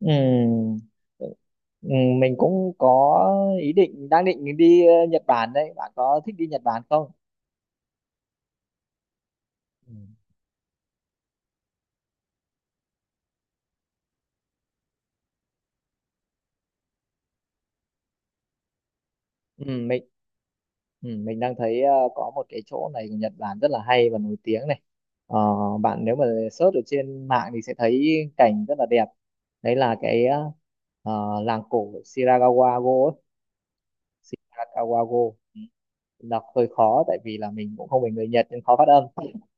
Ừm, Mình cũng có ý định đang định đi Nhật Bản đấy. Bạn có thích đi Nhật Bản không? Ừm, ừm, Mình mình đang thấy có một cái chỗ này của Nhật Bản rất là hay và nổi tiếng này. Ờ, Bạn nếu mà search ở trên mạng thì sẽ thấy cảnh rất là đẹp. Đấy là cái làng cổ Shirakawa-go ấy. Shirakawa-go. Đọc hơi khó tại vì là mình cũng không phải người Nhật nên khó phát âm.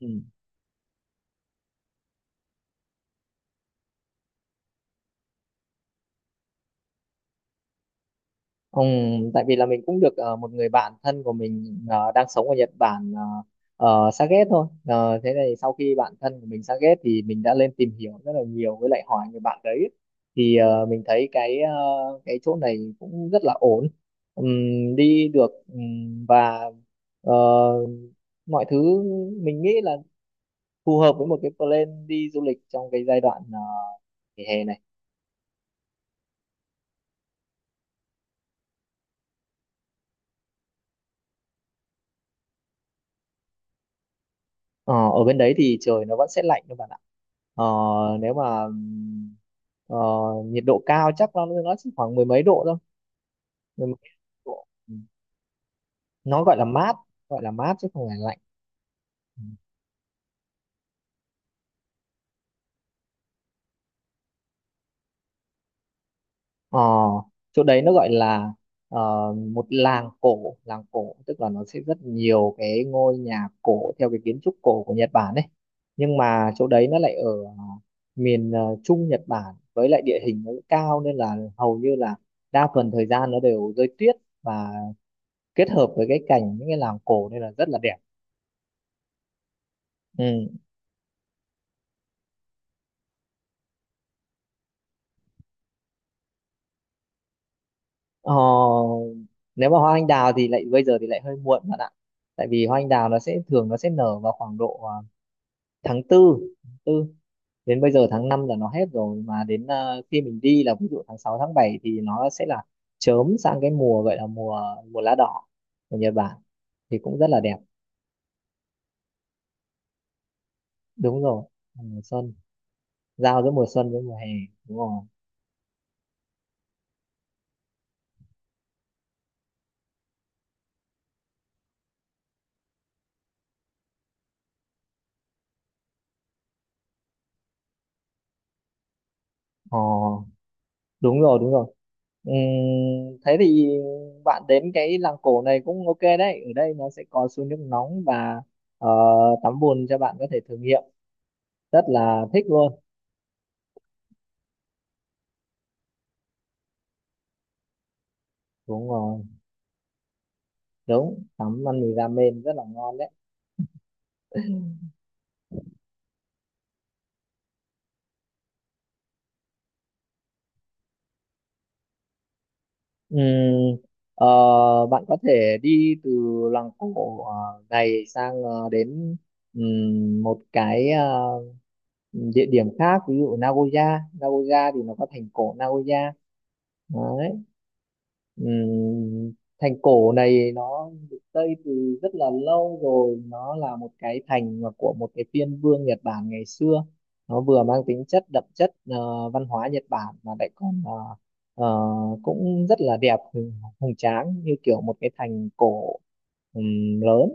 Ừm. Tại vì là mình cũng được một người bạn thân của mình đang sống ở Nhật Bản xa ghét thôi. Ờ, thế này sau khi bạn thân của mình xa ghét thì mình đã lên tìm hiểu rất là nhiều với lại hỏi người bạn đấy thì mình thấy cái chỗ này cũng rất là ổn. Đi được, và ờ, mọi thứ mình nghĩ là phù hợp với một cái plan đi du lịch trong cái giai đoạn nghỉ hè này. Ờ, ở bên đấy thì trời nó vẫn sẽ lạnh các bạn ạ. Ờ, nếu mà ờ, nhiệt độ cao chắc nó chỉ khoảng mười mấy độ thôi. Mười mấy độ. Ừ. Nó gọi là mát chứ không phải lạnh. Ừ. Ờ, chỗ đấy nó gọi là ờ, một làng cổ tức là nó sẽ rất nhiều cái ngôi nhà cổ theo cái kiến trúc cổ của Nhật Bản ấy. Nhưng mà chỗ đấy nó lại ở miền Trung Nhật Bản, với lại địa hình nó cao nên là hầu như là đa phần thời gian nó đều rơi tuyết, và kết hợp với cái cảnh những cái làng cổ nên là rất là đẹp. Ừ. Ờ, nếu mà hoa anh đào thì lại bây giờ thì lại hơi muộn bạn ạ. Tại vì hoa anh đào nó sẽ thường nó sẽ nở vào khoảng độ tháng tư, tư đến bây giờ tháng 5 là nó hết rồi, mà đến khi mình đi là ví dụ tháng 6 tháng 7 thì nó sẽ là chớm sang cái mùa gọi là mùa mùa lá đỏ của Nhật Bản thì cũng rất là đẹp. Đúng rồi, mùa xuân giao giữa mùa xuân với mùa hè. Đúng rồi. ờ, Đúng rồi, đúng rồi. Thế thì bạn đến cái làng cổ này cũng ok đấy, ở đây nó sẽ có suối nước nóng và ờ, tắm bùn cho bạn có thể thử nghiệm rất là thích luôn. Đúng rồi, đúng, tắm ăn mì ramen rất là ngon đấy. Ừm, ờ, Bạn có thể đi từ làng cổ này sang đến một cái địa điểm khác, ví dụ Nagoya. Nagoya thì nó có thành cổ Nagoya đấy. Ừm, Thành cổ này nó được xây từ rất là lâu rồi, nó là một cái thành mà của một cái phiên vương Nhật Bản ngày xưa. Nó vừa mang tính chất đậm chất văn hóa Nhật Bản mà lại còn ờ, cũng rất là đẹp, hùng tráng như kiểu một cái thành cổ lớn.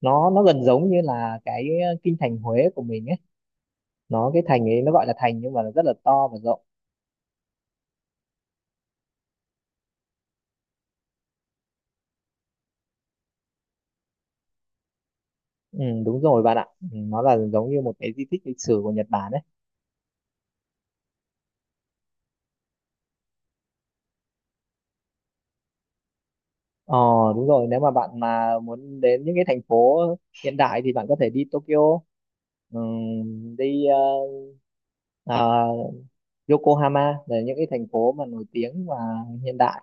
Nó gần giống như là cái kinh thành Huế của mình ấy. Nó cái thành ấy nó gọi là thành nhưng mà nó rất là to và rộng. Ừ, đúng rồi bạn ạ. Ừ, nó là giống như một cái di tích lịch sử của Nhật Bản ấy. Ờ đúng rồi, nếu mà bạn mà muốn đến những cái thành phố hiện đại thì bạn có thể đi Tokyo, đi ờ, à, Yokohama là những cái thành phố mà nổi tiếng và hiện đại.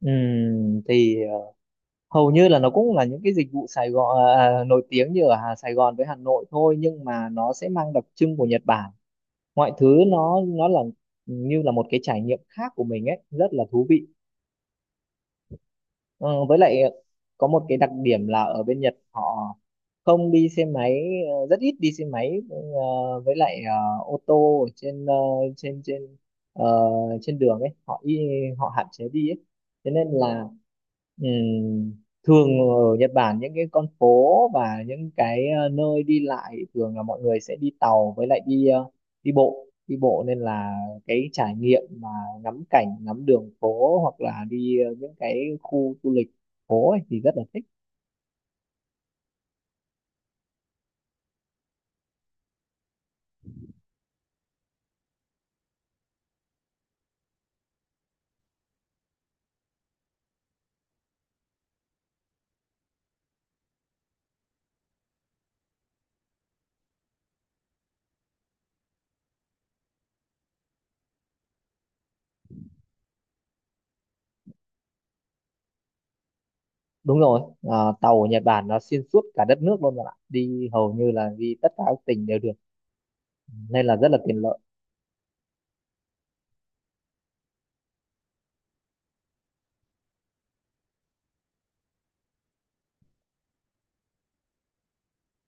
Ừm, thì ờ, Hầu như là nó cũng là những cái dịch vụ Sài Gòn nổi tiếng như ở Sài Gòn với Hà Nội thôi, nhưng mà nó sẽ mang đặc trưng của Nhật Bản. Mọi thứ nó là như là một cái trải nghiệm khác của mình ấy, rất là thú vị. Ờ, với lại có một cái đặc điểm là ở bên Nhật họ không đi xe máy, rất ít đi xe máy, với lại ô tô ở trên trên trên ờ, trên đường ấy, họ hạn chế đi ấy. Thế nên là ừm, thường ở Nhật Bản những cái con phố và những cái nơi đi lại thường là mọi người sẽ đi tàu với lại đi đi bộ, đi bộ, nên là cái trải nghiệm mà ngắm cảnh ngắm đường phố hoặc là đi những cái khu du lịch phố ấy, thì rất là thích. Đúng rồi, tàu ở Nhật Bản nó xuyên suốt cả đất nước luôn bạn ạ, đi hầu như là đi tất cả các tỉnh đều được nên là rất là tiện lợi.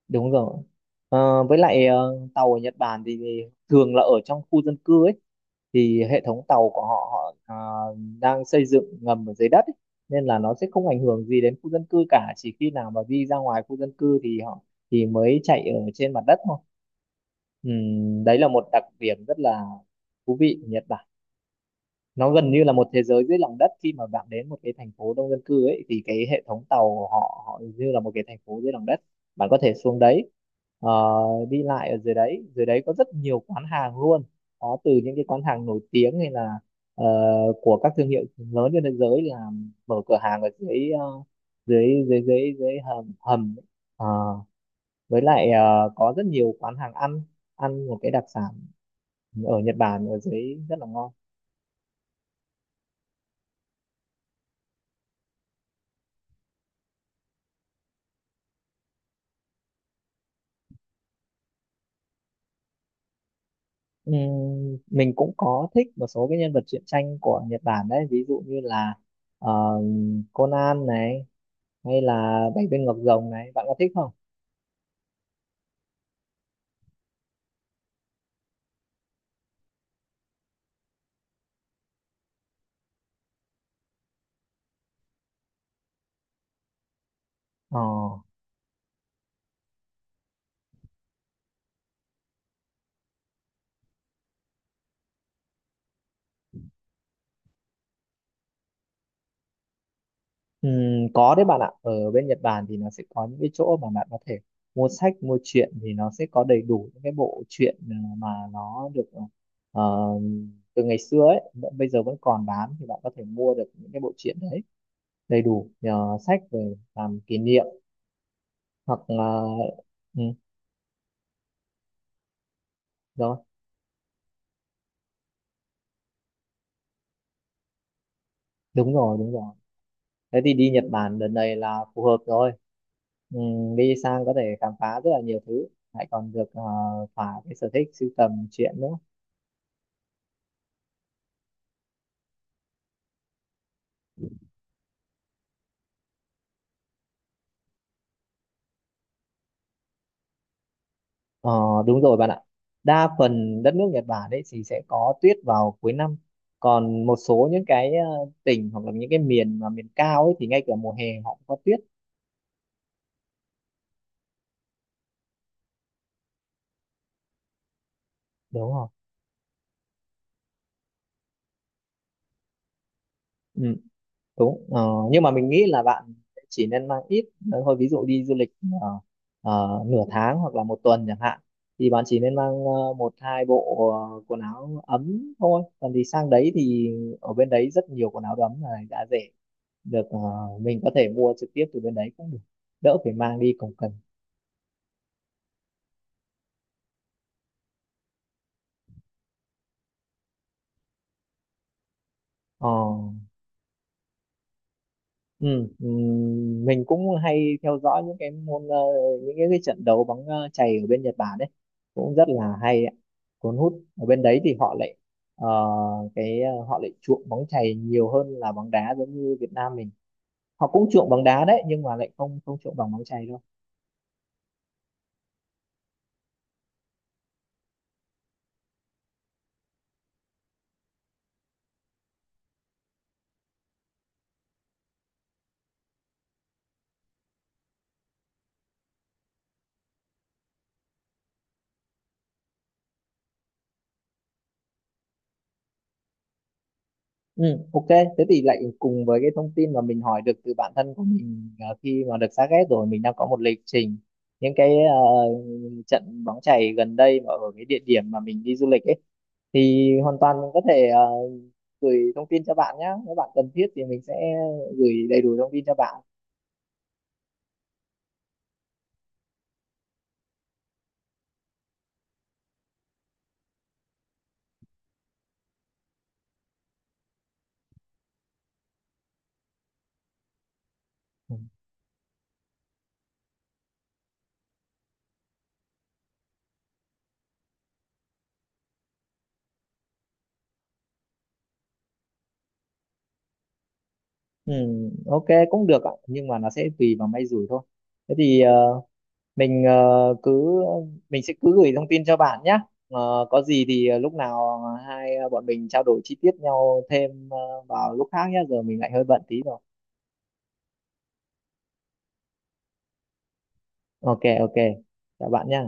Đúng rồi. Ờ, với lại tàu ở Nhật Bản thì thường là ở trong khu dân cư ấy, thì hệ thống tàu của họ họ ờ, đang xây dựng ngầm ở dưới đất ấy. Nên là nó sẽ không ảnh hưởng gì đến khu dân cư cả, chỉ khi nào mà đi ra ngoài khu dân cư thì họ mới chạy ở trên mặt đất thôi. Đấy là một đặc điểm rất là thú vị của Nhật Bản. Nó gần như là một thế giới dưới lòng đất, khi mà bạn đến một cái thành phố đông dân cư ấy thì cái hệ thống tàu của họ họ như là một cái thành phố dưới lòng đất. Bạn có thể xuống đấy ờ, đi lại ở dưới đấy, dưới đấy có rất nhiều quán hàng luôn, có từ những cái quán hàng nổi tiếng hay là ờ, của các thương hiệu lớn trên thế giới là mở cửa hàng ở dưới ờ, dưới dưới dưới dưới hầm hầm ấy. Ờ, với lại có rất nhiều quán hàng ăn, ăn một cái đặc sản ở Nhật Bản ở dưới rất là ngon. Mình cũng có thích một số cái nhân vật truyện tranh của Nhật Bản đấy, ví dụ như là ờ, Conan này, hay là Bảy Viên Ngọc Rồng này, bạn có thích không? Ờ, có đấy bạn ạ, ở bên Nhật Bản thì nó sẽ có những cái chỗ mà bạn có thể mua sách mua truyện, thì nó sẽ có đầy đủ những cái bộ truyện mà nó được ờ, từ ngày xưa ấy bây giờ vẫn còn bán, thì bạn có thể mua được những cái bộ truyện đấy đầy đủ sách về làm kỷ niệm hoặc là ừ, rồi. Đúng rồi, đúng rồi, thế thì đi Nhật Bản đợt này là phù hợp rồi. Đi sang có thể khám phá rất là nhiều thứ, lại còn được thỏa cái sở thích sưu tầm truyện nữa. Ờ, đúng rồi bạn ạ, đa phần đất nước Nhật Bản ấy thì sẽ có tuyết vào cuối năm, còn một số những cái tỉnh hoặc là những cái miền mà miền cao ấy thì ngay cả mùa hè họ cũng có tuyết. Đúng không? Đúng. Ờ, nhưng mà mình nghĩ là bạn chỉ nên mang ít thôi, ví dụ đi du lịch ờ, nửa tháng hoặc là một tuần chẳng hạn, thì bạn chỉ nên mang một hai bộ quần áo ấm thôi, còn thì sang đấy thì ở bên đấy rất nhiều quần áo ấm này, đã rẻ được mình có thể mua trực tiếp từ bên đấy cũng được, đỡ phải mang đi cồng kềnh. Ờ, Ừ, mình cũng hay theo dõi những cái môn những cái trận đấu bóng chày ở bên Nhật Bản đấy, cũng rất là hay ạ. Cuốn hút, ở bên đấy thì họ lại ờ, họ lại chuộng bóng chày nhiều hơn là bóng đá. Giống như Việt Nam mình họ cũng chuộng bóng đá đấy, nhưng mà lại không không chuộng bằng bóng chày đâu. Ừ, ok thế thì lại cùng với cái thông tin mà mình hỏi được từ bản thân của mình khi mà được xác ghét rồi, mình đang có một lịch trình những cái trận bóng chày gần đây mà ở cái địa điểm mà mình đi du lịch ấy, thì hoàn toàn mình có thể gửi thông tin cho bạn nhé. Nếu bạn cần thiết thì mình sẽ gửi đầy đủ thông tin cho bạn. Ừ, Ừ, ok, cũng được ạ, nhưng mà nó sẽ tùy vào may rủi thôi. Thế thì mình ờ, cứ mình sẽ cứ gửi thông tin cho bạn nhé. Ờ, có gì thì lúc nào bọn mình trao đổi chi tiết nhau thêm vào lúc khác nhé, giờ mình lại hơi bận tí rồi. Ok ok, chào bạn nhé.